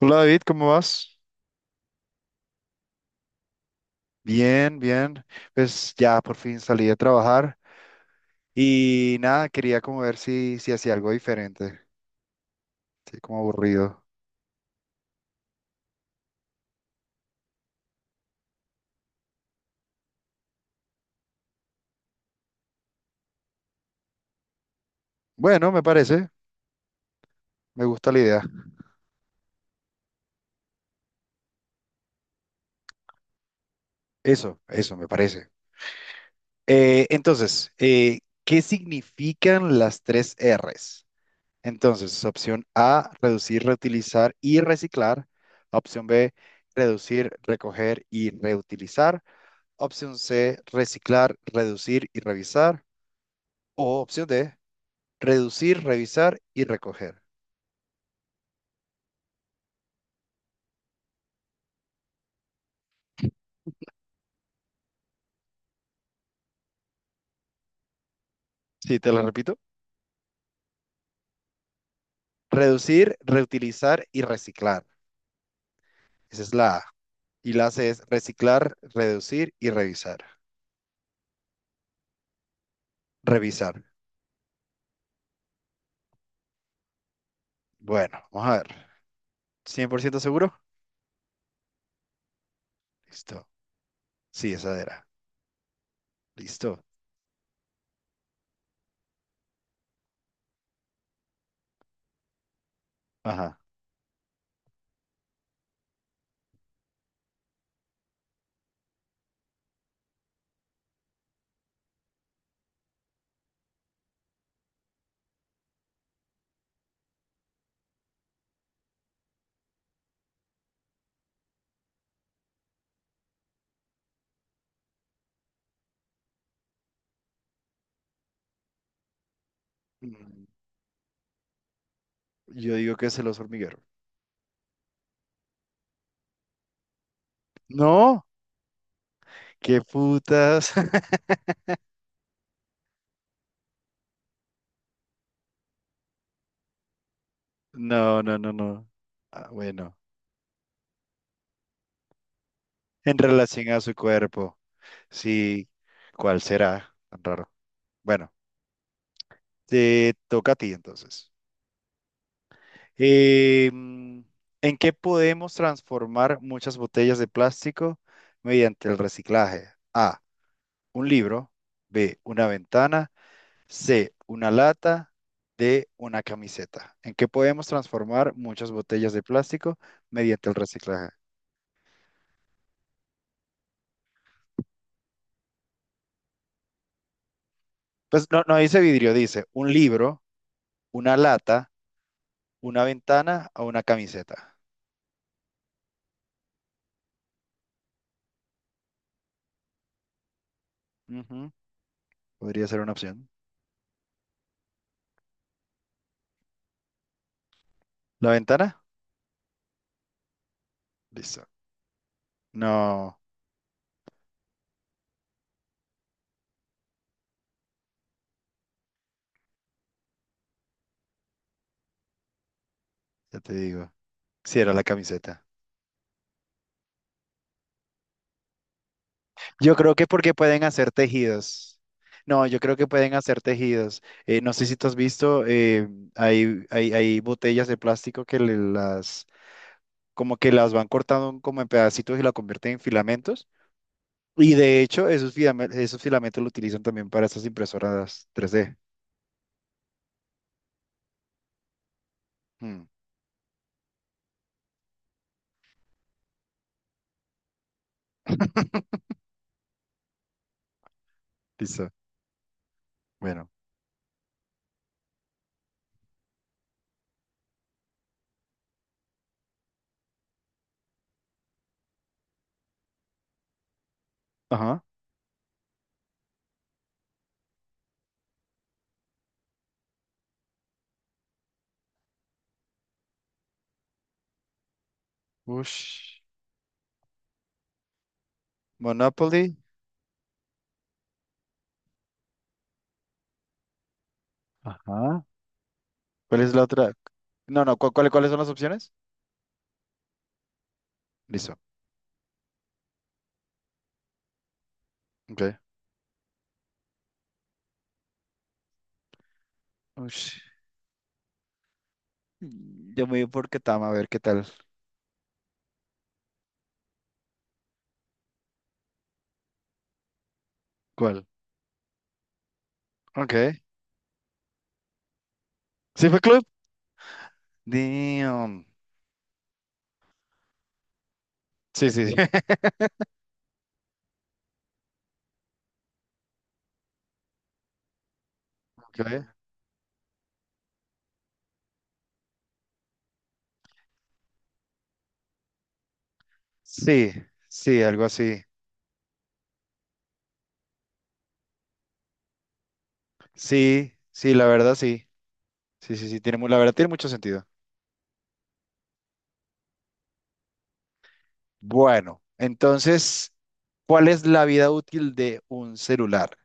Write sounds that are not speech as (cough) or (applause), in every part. Hola David, ¿cómo vas? Bien, bien. Pues ya por fin salí de trabajar y nada, quería como ver si, hacía algo diferente. Estoy como aburrido. Bueno, me parece, me gusta la idea. Eso, me parece. Entonces, ¿qué significan las 3 R's? Entonces, opción A, reducir, reutilizar y reciclar. Opción B, reducir, recoger y reutilizar. Opción C, reciclar, reducir y revisar. O opción D, reducir, revisar y recoger. Sí, te lo repito. Reducir, reutilizar y reciclar. Esa es la A. Y la C es reciclar, reducir y revisar. Revisar. Bueno, vamos a ver. ¿100% seguro? Listo. Sí, esa era. Listo. Ajá. Mm, Yo digo que es el oso hormiguero. No, qué putas. (laughs) No, no, no, no. Ah, bueno, en relación a su cuerpo. Sí, ¿cuál será? Tan raro. Bueno. Te toca a ti entonces. Eh, mm, ¿En qué podemos transformar muchas botellas de plástico mediante el reciclaje? A, un libro; B, una ventana; C, una lata; D, una camiseta. ¿En qué podemos transformar muchas botellas de plástico mediante el reciclaje? Pues no, no dice vidrio, dice un libro, una lata, una ventana o una camiseta. Ujú, podría ser una opción. ¿La ventana? Listo. No. Ya te digo. Sí, era la camiseta. Yo creo que porque pueden hacer tejidos. No, yo creo que pueden hacer tejidos. No sé si tú has visto, hay botellas de plástico las, como que las van cortando como en pedacitos y la convierten en filamentos. Y de hecho, esos filamentos lo utilizan también para esas impresoras 3D. Hmm, (laughs) Listo. Bueno. Ajá. Ush. Monopoly. Ajá. ¿Cuál es la otra? No, no, ¿cuál, cuáles son las opciones? Listo. Ok. Ush, yo me voy por Ketama a ver qué tal. ¿Cuál? Ok. ¿Sí fue club? Damn. Sí, sí, sí. (laughs) Ok. Sí, sí, algo así. Sí, sí, la verdad sí. Sí, sí, sí, tiene, la verdad tiene mucho sentido. Bueno, entonces, ¿cuál es la vida útil de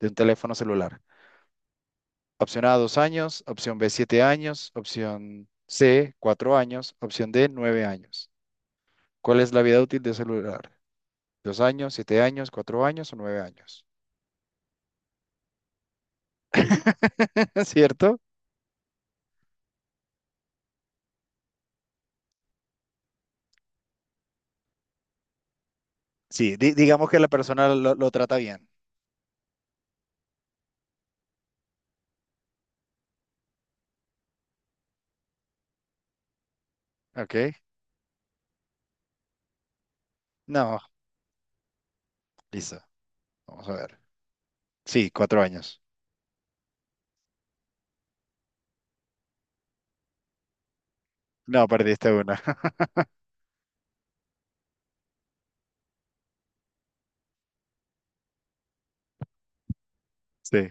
de un teléfono celular? Opción A, dos años; opción B, siete años; opción C, cuatro años; opción D, nueve años. ¿Cuál es la vida útil de un celular? ¿Dos años, siete años, cuatro años o nueve años? (laughs) ¿Cierto? Sí, digamos que la persona lo trata bien. Ok. No, listo. Vamos a ver. Sí, cuatro años. No, perdiste una. (laughs) Sí.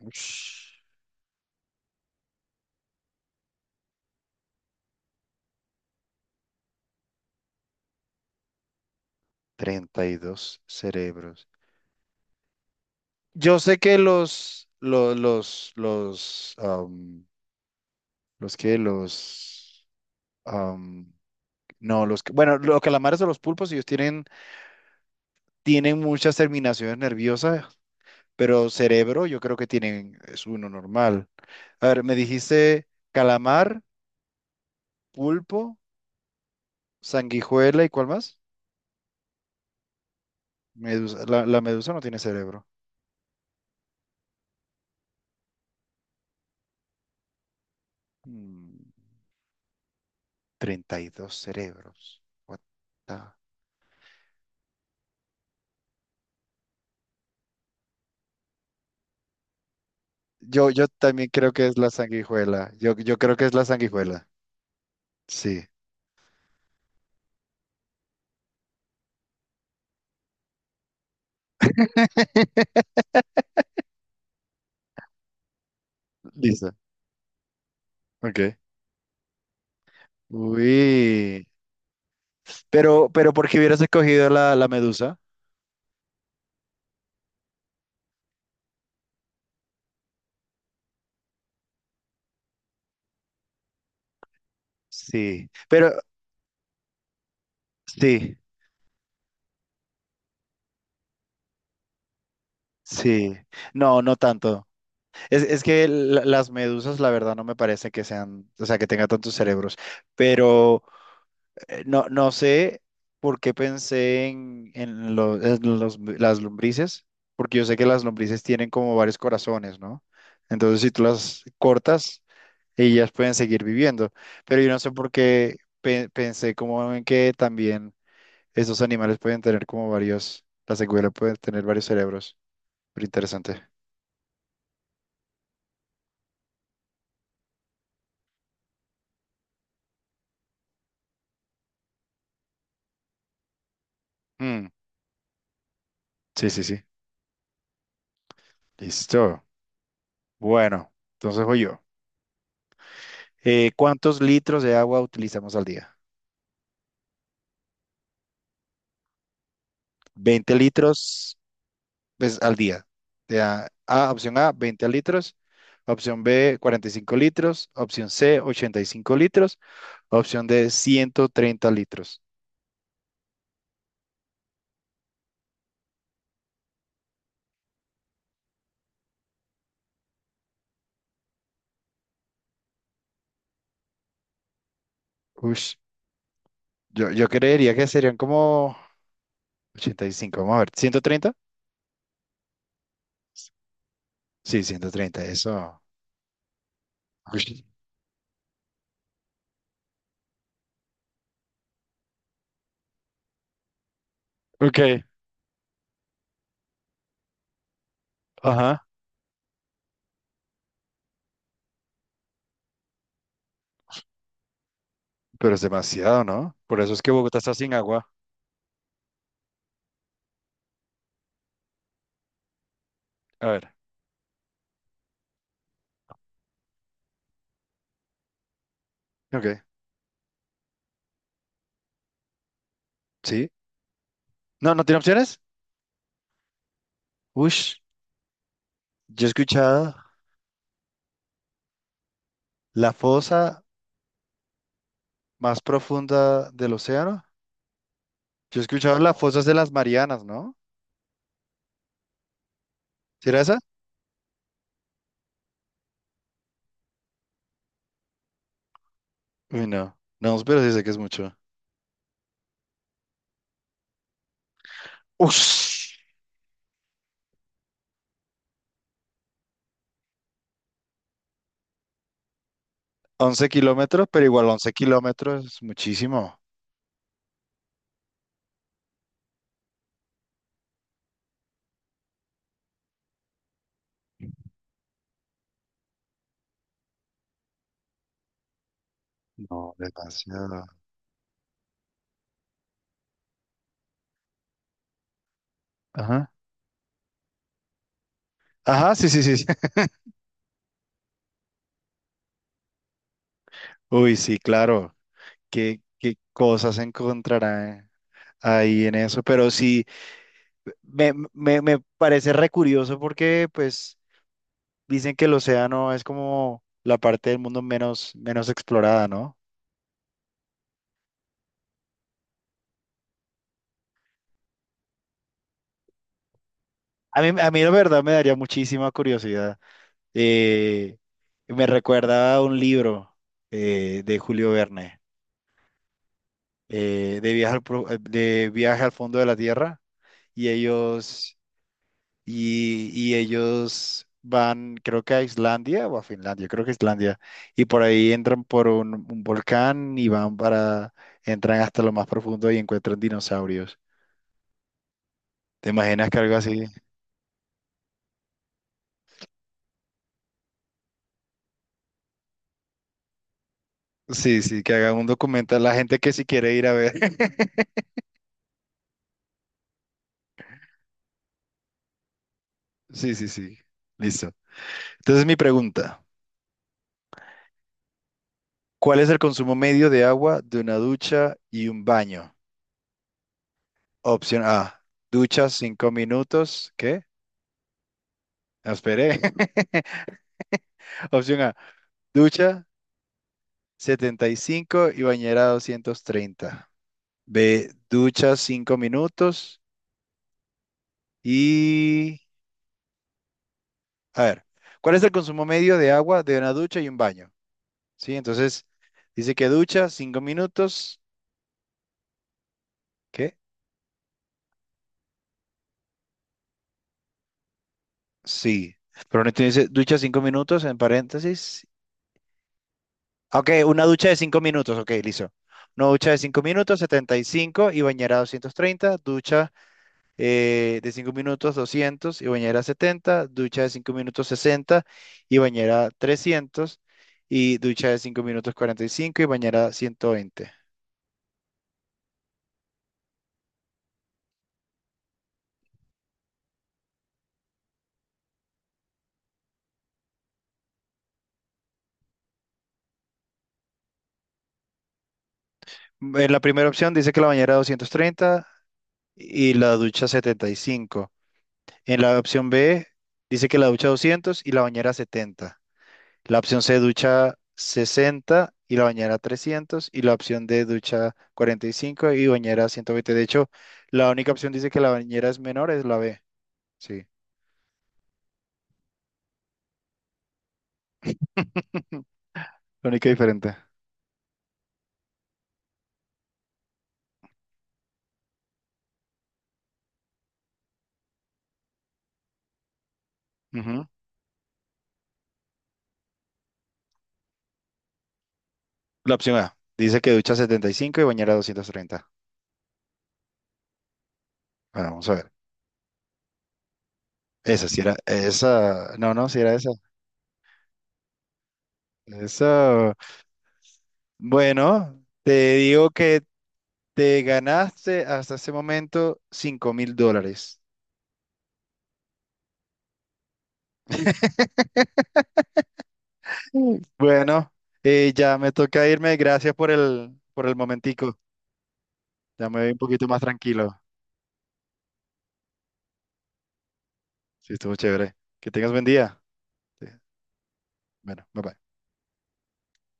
Ush, 32 cerebros. Yo sé que los, am, los que los, am, no, los que, bueno, los calamares o los pulpos, ellos tienen, tienen muchas terminaciones nerviosas, pero cerebro yo creo que tienen, es uno normal. A ver, me dijiste calamar, pulpo, sanguijuela y ¿cuál más? Medusa. La medusa no tiene cerebro. Mm, 32 cerebros. What the-. Yo también creo que es la sanguijuela. Yo creo que es la sanguijuela. Sí. (laughs) Listo. Ok. Uy. Pero ¿por qué hubieras escogido la medusa? Sí. Pero, sí, sí. No, no tanto. Es que las medusas, la verdad, no me parece que sean, o sea, que tengan tantos cerebros, pero no, no sé por qué pensé en las lombrices, porque yo sé que las lombrices tienen como varios corazones, ¿no? Entonces, si tú las cortas, ellas pueden seguir viviendo, pero yo no sé por qué pensé como en que también esos animales pueden tener como varios, la secuela puede tener varios cerebros, pero interesante. Mm, sí, sí, sí, listo. Bueno, entonces voy yo. ¿Cuántos litros de agua utilizamos al día? 20 litros, pues, al día. O sea, A, opción A, 20 litros. Opción B, 45 litros. Opción C, 85 litros. Opción D, 130 litros. Ush, yo creería que serían como 85. Vamos a ver, 130. Sí, 130. Eso. Ush, ok, ajá. Pero es demasiado, ¿no? Por eso es que Bogotá está sin agua. A ver. Ok, sí. No, no tiene opciones. Ush, yo he escuchado la fosa más profunda del océano. Yo he escuchado las fosas de las Marianas, ¿no? ¿Será esa? Uy, no. No, pero sí sé que es mucho. Ush, 11 kilómetros, pero igual 11 kilómetros es muchísimo. No, demasiado. Ajá. Ajá, sí, sí, sí. Sí. (laughs) Uy, sí, claro. ¿Qué, qué cosas encontrará ahí en eso? Pero sí, me parece re curioso porque, pues. Dicen que el océano es como la parte del mundo menos explorada, ¿no? A mí la verdad me daría muchísima curiosidad. Eh, me recuerda a un libro, de Julio Verne, de viaje al fondo de la Tierra, y ellos, y ellos van, creo que a Islandia o a Finlandia, creo que Islandia, y por ahí entran por un volcán y van para, entran hasta lo más profundo y encuentran dinosaurios. ¿Te imaginas que algo así? Sí, sí, que hagan un documental la gente que si quiere ir a ver. (laughs) Sí, sí, sí. Listo. Entonces mi pregunta, ¿cuál es el consumo medio de agua de una ducha y un baño? Opción A, ducha 5 minutos. ¿Qué? No, esperé. (laughs) Opción A, ducha 75 y bañera 230. B, ducha 5 minutos y... A ver, ¿cuál es el consumo medio de agua de una ducha y un baño? Sí, entonces dice que ducha 5 minutos. ¿Qué? Sí. Pero no te dice ducha 5 minutos en paréntesis. Ah, ok, una ducha de 5 minutos. Ok, listo. Una ducha de cinco minutos, 75, y bañera doscientos treinta. Ducha de 5 minutos, 200, y bañera 70. Ducha de cinco minutos, 60 y bañera 300. Y ducha de 5 minutos, 45 y bañera 120. En la primera opción dice que la bañera 230 y la ducha 75. En la opción B dice que la ducha 200 y la bañera 70. La opción C ducha 60 y la bañera 300. Y la opción D ducha 45 y bañera 120. De hecho, la única opción dice que la bañera es menor, es la B. Sí, (laughs) la única diferente. Ujú. La opción A dice que ducha 75 y bañera 230. Bueno, vamos a ver. Esa sí era, esa, no, no, sí era esa. Esa, bueno, te digo que te ganaste hasta ese momento $5.000. Mm. Bueno, ya me toca irme. Gracias por el momentico. Ya me voy un poquito más tranquilo. Sí, estuvo chévere. Que tengas buen día. Sí. Bueno, bye bye.